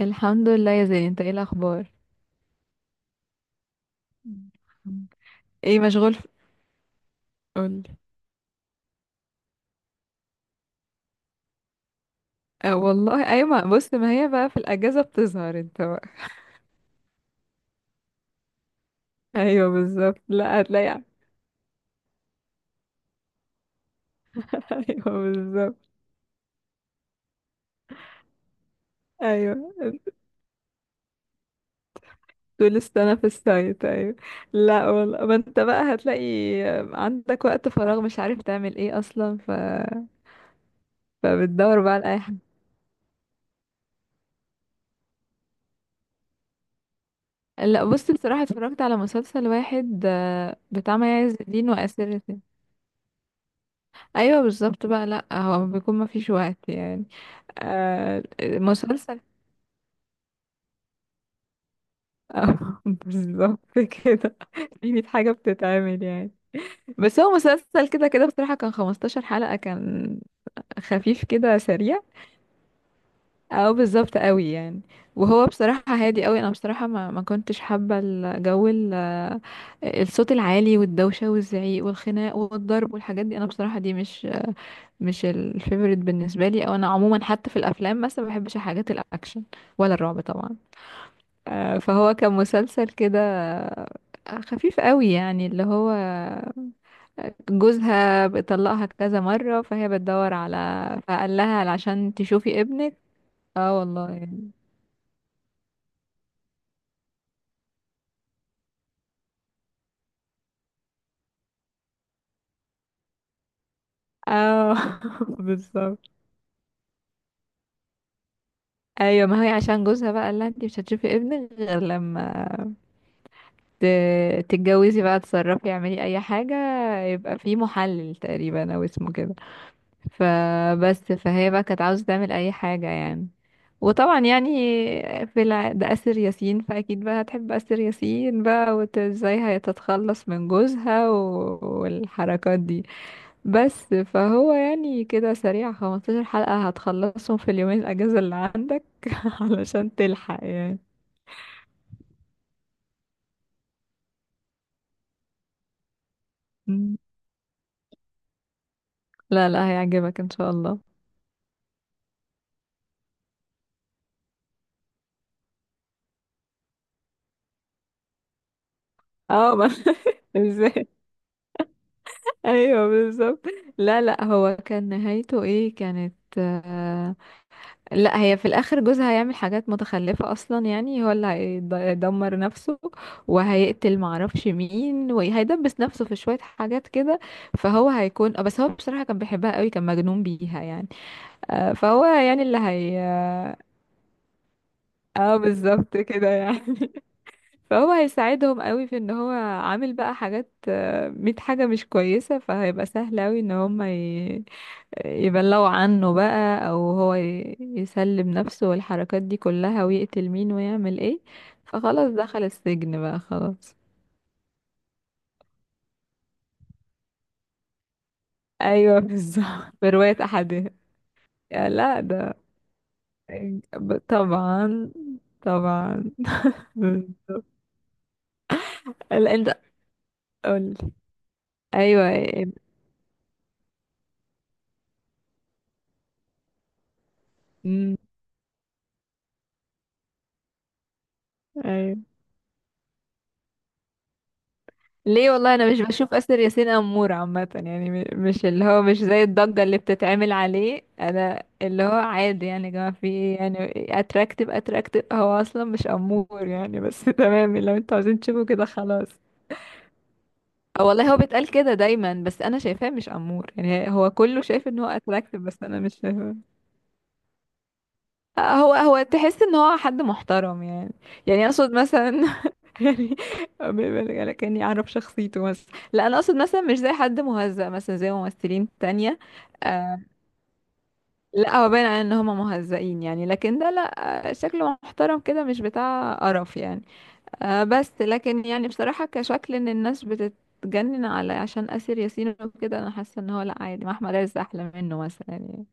الحمد لله يا زين، انت ايه الاخبار؟ الحمد. مشغول في... قولي. اه والله ايوه، ما بص، ما هي بقى في الاجازه بتظهر انت بقى. ايوه بالظبط، لا هتلاقي. ايوه بالظبط، ايوه، طول السنه في السايت، ايوه. لا والله ما انت بقى هتلاقي، عندك وقت فراغ مش عارف تعمل ايه اصلا، فبتدور بقى على اي حاجه. لا بص، بصراحه اتفرجت على مسلسل واحد، بتاع مي عز الدين واسر ياسين. ايوه بالظبط بقى، لا هو بيكون ما فيش وقت يعني. آه، مسلسل. بالظبط كده. في 100 حاجة بتتعمل يعني. بس هو مسلسل كده كده، بصراحة كان 15 حلقة كان، خفيف كده سريع. او بالظبط قوي يعني. وهو بصراحة هادي قوي، انا بصراحة ما كنتش حابة الجو الصوت العالي والدوشة والزعيق والخناق والضرب والحاجات دي، انا بصراحة دي مش الفيفوريت بالنسبة لي. او انا عموما حتى في الافلام مثلا ما بحبش الحاجات الاكشن ولا الرعب طبعا. فهو كان مسلسل كده، خفيف قوي يعني، اللي هو جوزها بيطلقها كذا مرة، فهي بتدور على، فقال لها عشان تشوفي ابنك. اه والله يعني. اه. بالظبط. ايوه، ما هي عشان جوزها بقى قال لها انت مش هتشوفي ابنك غير لما تتجوزي بقى، تصرفي، اعملي اي حاجة. يبقى في محلل تقريبا او اسمه كده. فبس فهي بقى كانت عاوزة تعمل أي حاجة يعني. وطبعا يعني، في الع... ده أسر ياسين، فأكيد بقى هتحب أسر ياسين بقى، وازاي هتتخلص من جوزها و... والحركات دي. بس فهو يعني كده سريع، 15 حلقة هتخلصهم في اليومين الأجازة اللي عندك. علشان تلحق يعني. مم. لا لا، هيعجبك إن شاء الله. اه ما. ازاي؟ ايوه بالظبط. لا لا، هو كان نهايته ايه كانت، لا هي في الاخر جوزها هيعمل حاجات متخلفة اصلا، يعني هو اللي هيدمر نفسه وهيقتل معرفش مين، وهيدبس نفسه في شوية حاجات كده. فهو هيكون، بس هو بصراحة كان بيحبها قوي، كان مجنون بيها يعني. فهو يعني اللي هي اه. بالظبط كده يعني. فهو هيساعدهم قوي في ان هو عامل بقى حاجات، ميت حاجة مش كويسة، فهيبقى سهل قوي ان هم يبلغوا عنه بقى، او هو يسلم نفسه والحركات دي كلها، ويقتل مين ويعمل ايه. فخلاص دخل السجن بقى خلاص. ايوه بالظبط، برواية احدهم. يا لا ده، طبعا. طبعا. بالظبط. لا انت قول. ايوه، أمم، ايوه. ليه؟ والله انا مش بشوف اسر ياسين امور عامه يعني، مش اللي هو مش زي الضجه اللي بتتعمل عليه، انا اللي هو عادي يعني، يا جماعه في ايه يعني. اتراكتيف، هو اصلا مش امور يعني بس. تمام، لو انتوا عايزين تشوفوا كده خلاص. أه والله هو بيتقال كده دايما، بس انا شايفاه مش امور يعني، هو كله شايف ان هو اتراكتيف، بس انا مش شايفاه. هو تحس ان هو حد محترم يعني. يعني اقصد مثلا، يعني، لكني اعرف شخصيته بس. لا انا اقصد مثلا مش زي حد مهزأ، مثلا زي ممثلين تانية. آه. لا هو باين على ان هم مهزئين يعني، لكن ده لا. شكله محترم كده، مش بتاع قرف يعني. آه، بس لكن يعني بصراحة كشكل، ان الناس بتتجنن على عشان آسر ياسين وكده، انا حاسة ان هو لا عادي، ما احمد عز احلى منه مثلا يعني.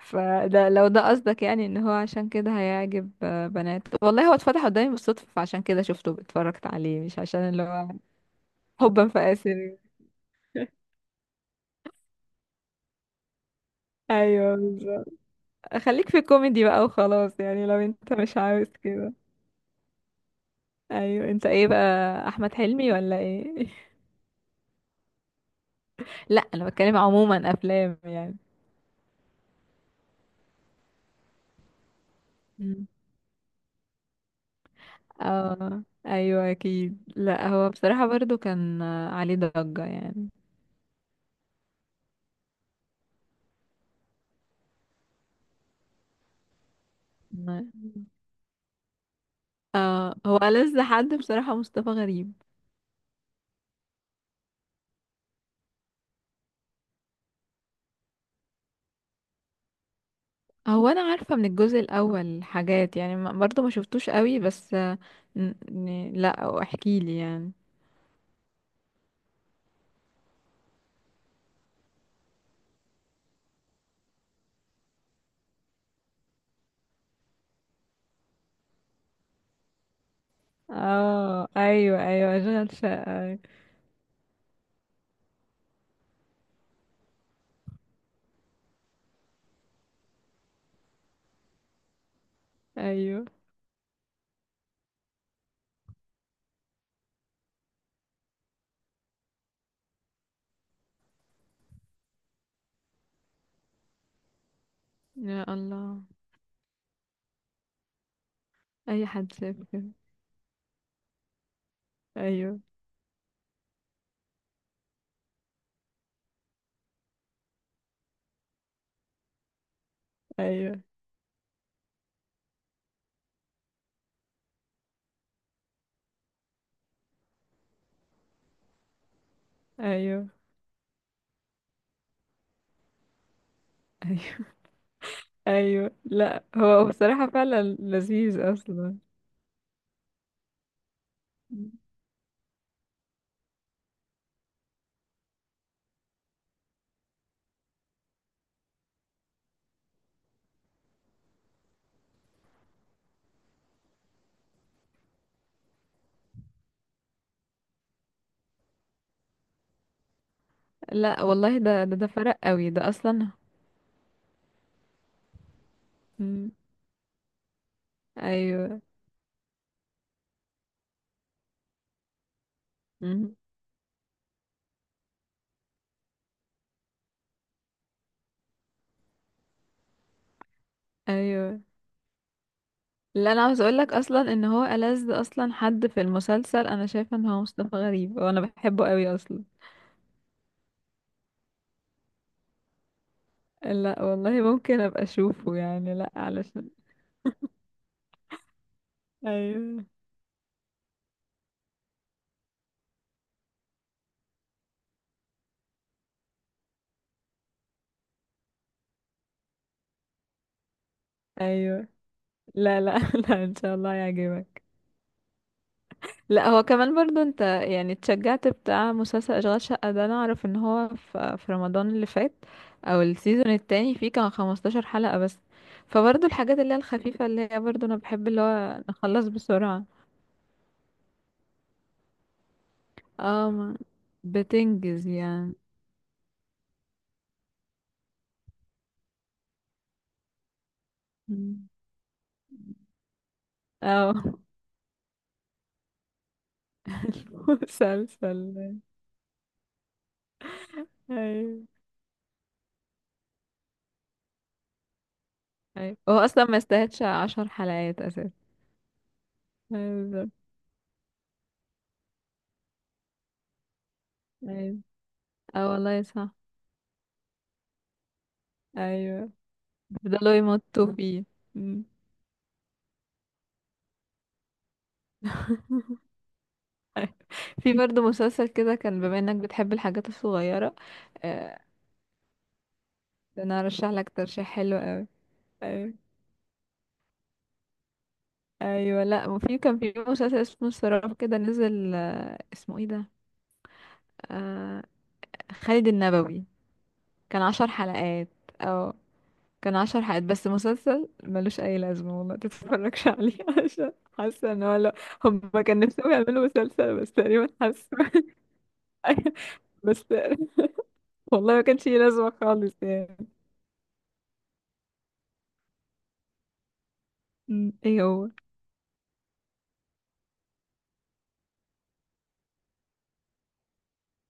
فده لو ده قصدك يعني ان هو عشان كده هيعجب، بنات، والله هو اتفتح قدامي بالصدفة، فعشان كده شفته اتفرجت عليه، مش عشان اللي هو حبا فاسر. ايوه بالظبط. خليك في كوميدي بقى وخلاص يعني، لو انت مش عاوز كده. ايوه، انت ايه بقى، احمد حلمي ولا ايه؟ لا انا بتكلم عموما افلام يعني. مم. اه ايوه اكيد، لا هو بصراحة برضو كان، عليه ضجة يعني. مم. اه، هو ألذ حد بصراحة مصطفى غريب. هو انا عارفه من الجزء الاول حاجات يعني برضو ما شفتوش قوي بس، لا احكي لي يعني. اه ايوه ايوه، اشغال شقة. ايوه. يا الله. اي حد شاف كده. ايوه، ايوه، ايوه، ايوه. ايوه لا هو بصراحة فعلا لذيذ اصلا. لا والله ده فرق قوي ده اصلا. مم. ايوه. مم. ايوه. اللي انا عاوز اقولك اصلا، ان هو ألذ اصلا حد في المسلسل انا شايفه ان هو مصطفى غريب، وانا بحبه قوي اصلا. لا والله ممكن ابقى اشوفه يعني، لا علشان. ايوه. ايوه. لا لا، لا ان شاء الله يعجبك. لا هو كمان برضو انت يعني اتشجعت بتاع مسلسل اشغال شقة ده، انا اعرف ان هو في رمضان اللي فات او السيزون التاني فيه، كان 15 حلقة بس. فبرضو الحاجات اللي هي الخفيفة اللي هي برضو انا بحب، اللي هو نخلص بسرعة. اه بتنجز يعني. مم. اه. المسلسل. ايوه ايوه، هو اصلا ما يستاهلش عشر حلقات اساسا. ايوه بالظبط. ايوه. اه والله صح. ايوه بيفضلوا يمطوا فيه. مم. في برضه مسلسل كده كان، بما انك بتحب الحاجات الصغيرة. آه، انا ارشح لك ترشيح حلو قوي. ايوه. ايوه لا، وفي كان في مسلسل اسمه السراب كده نزل، اسمه ايه ده، آه خالد النبوي. كان عشر حلقات. اه كان عشر حلقات بس، مسلسل ملوش اي لازمه والله، تتفرجش عليه. عشان حاسه ان هو لا، هم كان نفسهم يعملوا مسلسل بس تقريبا، حاسه. بس والله ما كانش ليه لازمه خالص يعني. م، ايه هو؟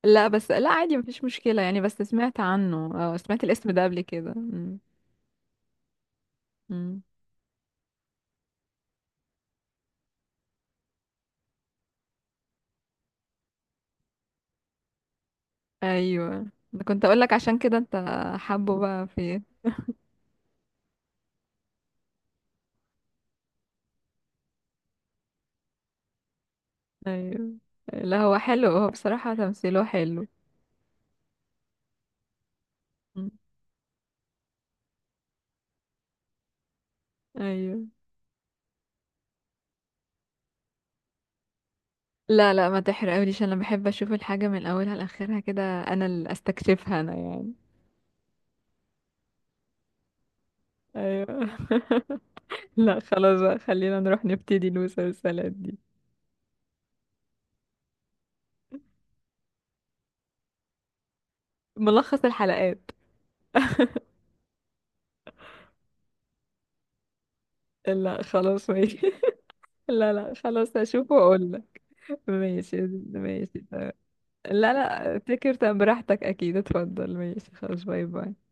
لا بس لا عادي مفيش مشكله يعني، بس سمعت عنه، اه سمعت الاسم ده قبل كده. م، م. ايوه. أنا كنت اقول لك عشان كده، انت حابه بقى في. ايوه. لا هو حلو، هو بصراحه تمثيله حلو. م، ايوه. لا لا ما تحرقوليش، انا بحب اشوف الحاجة من اولها لاخرها كده، انا اللي استكشفها انا يعني. ايوه. لا خلاص بقى، خلينا نروح نبتدي نوصل السلات دي. ملخص الحلقات. لا خلاص ماشي. لا لا خلاص هشوفه واقول لك. ماشي. ماشي تمام. لا لا افتكر، طب براحتك اكيد، اتفضل، ماشي خلاص، باي باي.